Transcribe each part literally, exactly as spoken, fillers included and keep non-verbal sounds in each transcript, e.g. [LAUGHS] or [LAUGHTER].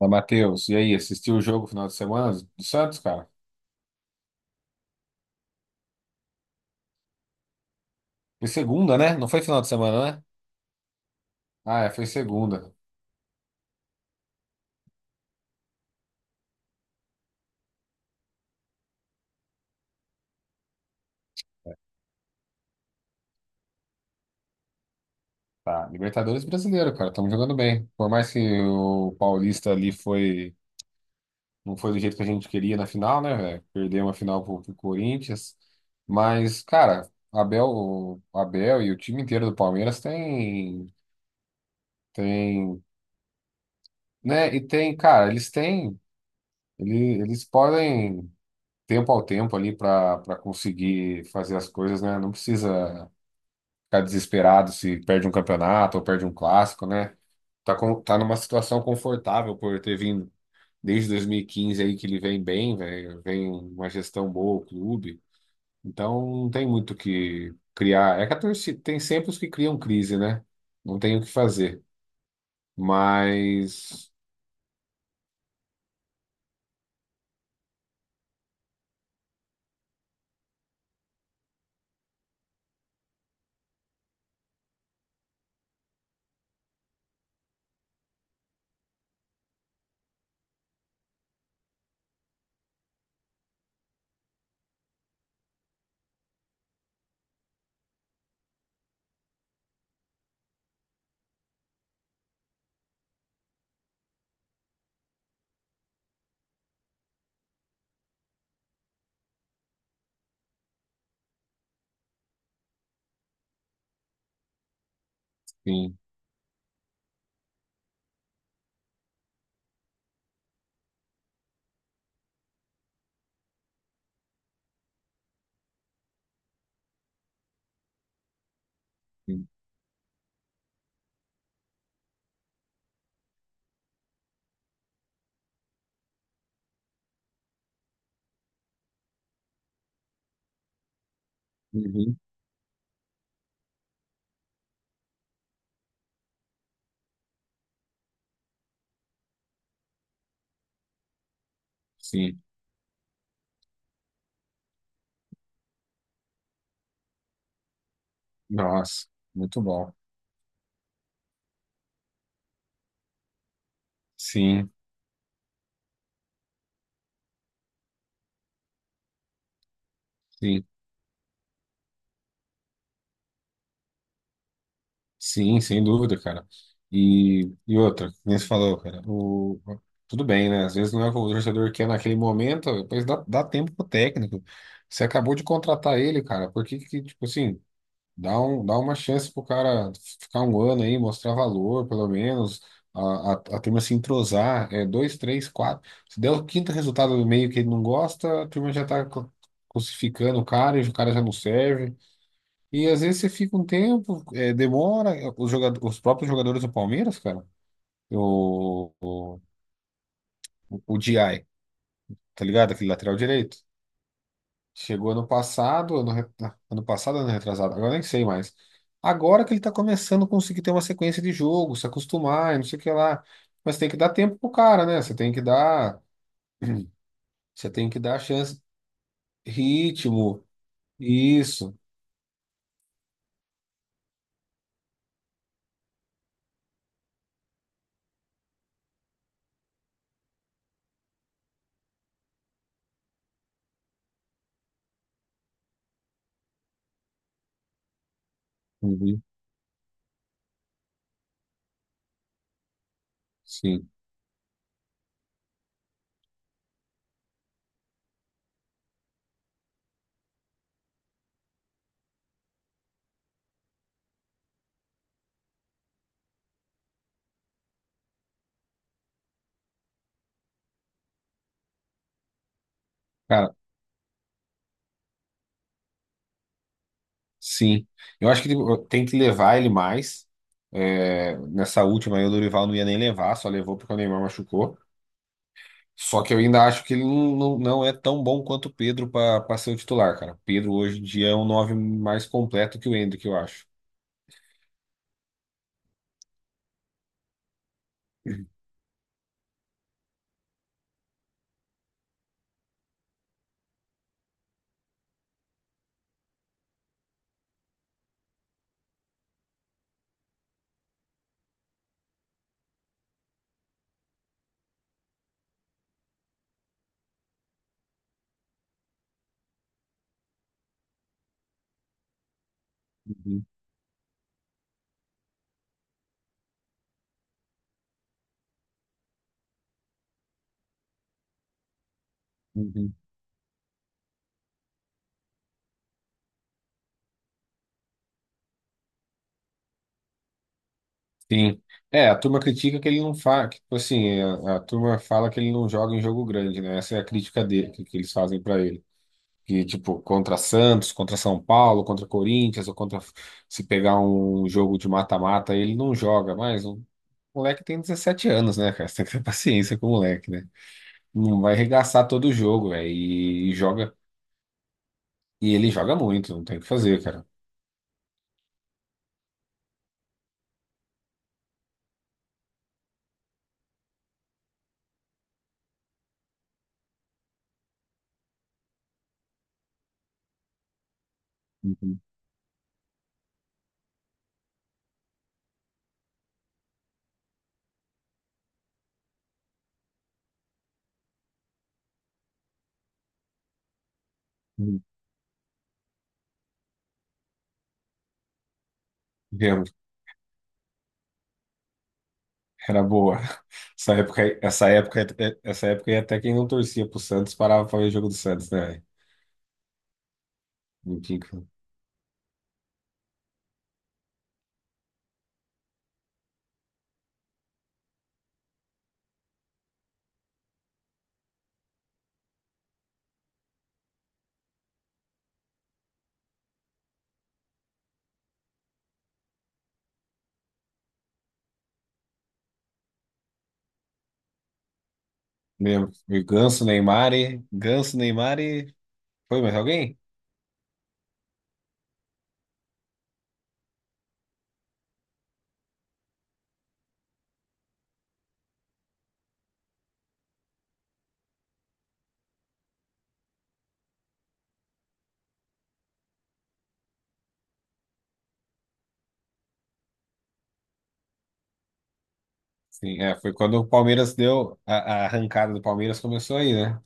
Mas, Matheus, e aí, assistiu o jogo final de semana do Santos, cara? Foi segunda, né? Não foi final de semana, né? Ah, é, foi segunda. Tá, Libertadores brasileiro, cara, estamos jogando bem. Por mais que o Paulista ali foi, não foi do jeito que a gente queria na final, né, velho? Perdeu uma final pro, pro Corinthians. Mas, cara, Abel, o Abel e o time inteiro do Palmeiras tem, tem, né? E tem, cara, eles têm, ele- eles podem. Tempo ao tempo ali para para conseguir fazer as coisas, né? Não precisa ficar desesperado se perde um campeonato ou perde um clássico, né? Tá, com, tá numa situação confortável por ter vindo desde dois mil e quinze aí que ele vem bem, velho, vem uma gestão boa, o clube. Então não tem muito o que criar. É que a torcida tem sempre os que criam crise, né? Não tem o que fazer. Mas sim, sim. Uhum. Sim. Nossa, muito bom. Sim, sim. Sim, sem dúvida, cara. E, e outra, que nem você falou, cara, o, tudo bem, né? Às vezes não é o que o torcedor quer naquele momento, depois dá, dá tempo pro técnico. Você acabou de contratar ele, cara, por que que, tipo assim, dá, um, dá uma chance pro cara ficar um ano aí, mostrar valor, pelo menos, a, a, a turma se entrosar, é, dois, três, quatro. Se der o quinto resultado do meio que ele não gosta, a turma já tá cru- crucificando o cara, e o cara já não serve. E às vezes você fica um tempo, é, demora. Os, jogadores, os próprios jogadores do Palmeiras, cara, o, o, o D I, tá ligado? Aquele lateral direito. Chegou ano passado, ano, re- ah, ano passado, ano retrasado, agora nem sei mais. Agora que ele tá começando a conseguir ter uma sequência de jogo, se acostumar e não sei o que lá. Mas tem que dar tempo pro cara, né? Você tem que dar, você tem que dar chance, ritmo, isso. Uhum. Sim. Cara, sim, eu acho que ele- tem que levar ele mais. É, nessa última aí, o Dorival não ia nem levar, só levou porque o Neymar machucou. Só que eu ainda acho que ele não, não, não é tão bom quanto o Pedro para ser o titular, cara. O Pedro hoje em dia é um nove mais completo que o Endrick, eu acho. Uhum, uhum. Sim. É, a turma critica que ele não faz, que, tipo assim, a, a turma fala que ele não joga em jogo grande, né? Essa é a crítica dele, que, que eles fazem para ele. Que tipo contra Santos, contra São Paulo, contra Corinthians, ou contra se pegar um jogo de mata-mata, ele não joga mais. O moleque tem dezessete anos, né, cara? [LAUGHS] Você tem que ter paciência com o moleque, né? Não vai arregaçar todo o jogo, velho, e, e joga. E ele joga muito, não tem o que fazer, cara. Uhum. Uhum. Lembro, era boa. [LAUGHS] Essa época, essa época, essa época, aí até quem não torcia pro Santos parava pra ver o jogo do Santos, né, velho? Não tinha que- Lembro. E Ganso, Neymar, e Ganso, Neymar, e foi mais alguém? Sim, é, foi quando o Palmeiras deu a, a arrancada do Palmeiras começou aí, né?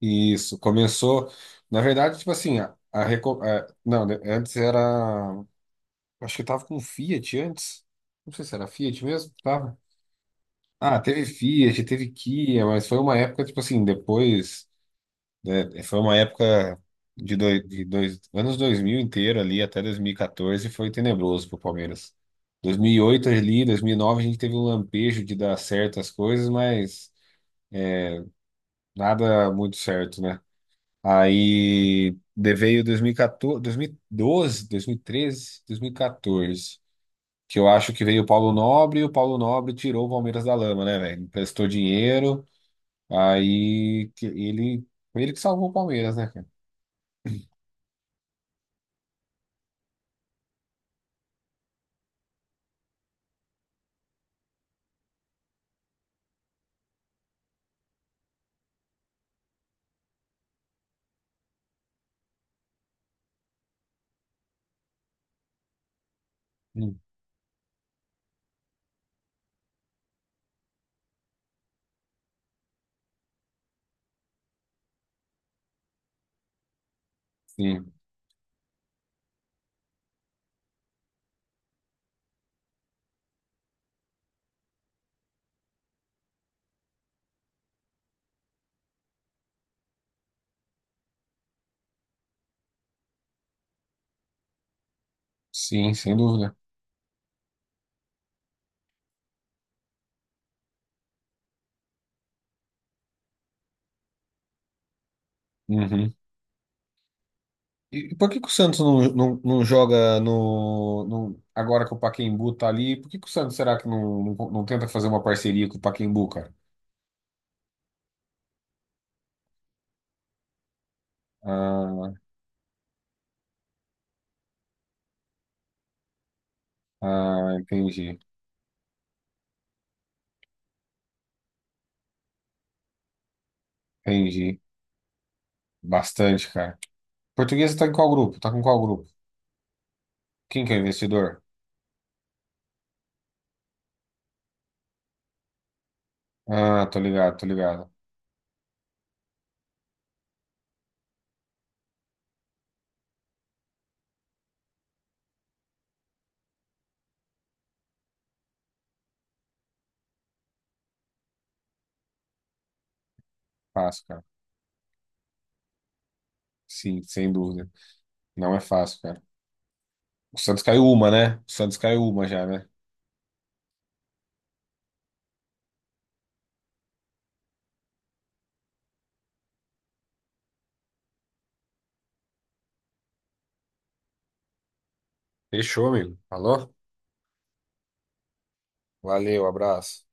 Isso, começou, na verdade, tipo assim, a, a, reco- a- não, né, antes era, acho que tava com Fiat antes. Não sei se era Fiat mesmo, tava. Ah, teve Fiat, teve Kia, mas foi uma época tipo assim, depois, né, foi uma época de dois, de dois anos dois mil inteiro ali até dois mil e quatorze foi tenebroso pro Palmeiras. dois mil e oito ali, dois mil e nove a gente teve um lampejo de dar certas coisas, mas nada muito certo, né? Aí de- veio dois dois dois mil e doze, dois mil e treze, dois mil doze, dois mil e quatorze, dois mil e doze, dois mil e treze, dois mil e quatorze, que eu acho que veio o Paulo Nobre e o Paulo Nobre tirou o Palmeiras da lama, né, velho? Emprestou dinheiro, aí que ele, foi ele que salvou o Palmeiras, né, cara? Hum, Sim, sim, sem dúvida. Uhum. E por que que o Santos não, não, não joga no, no- agora que o Pacaembu tá ali, por que que o Santos será que não, não, não tenta fazer uma parceria com o Pacaembu, cara? Ah, Ah, entendi. Entendi. Bastante, cara. Portuguesa tá em qual grupo? Tá com qual grupo? Quem que é o investidor? Ah, tô ligado, tô ligado. Fácil, cara. Sim, sem dúvida. Não é fácil, cara. O Santos caiu uma, né? O Santos caiu uma já, né? Fechou, amigo. Falou? Valeu, abraço.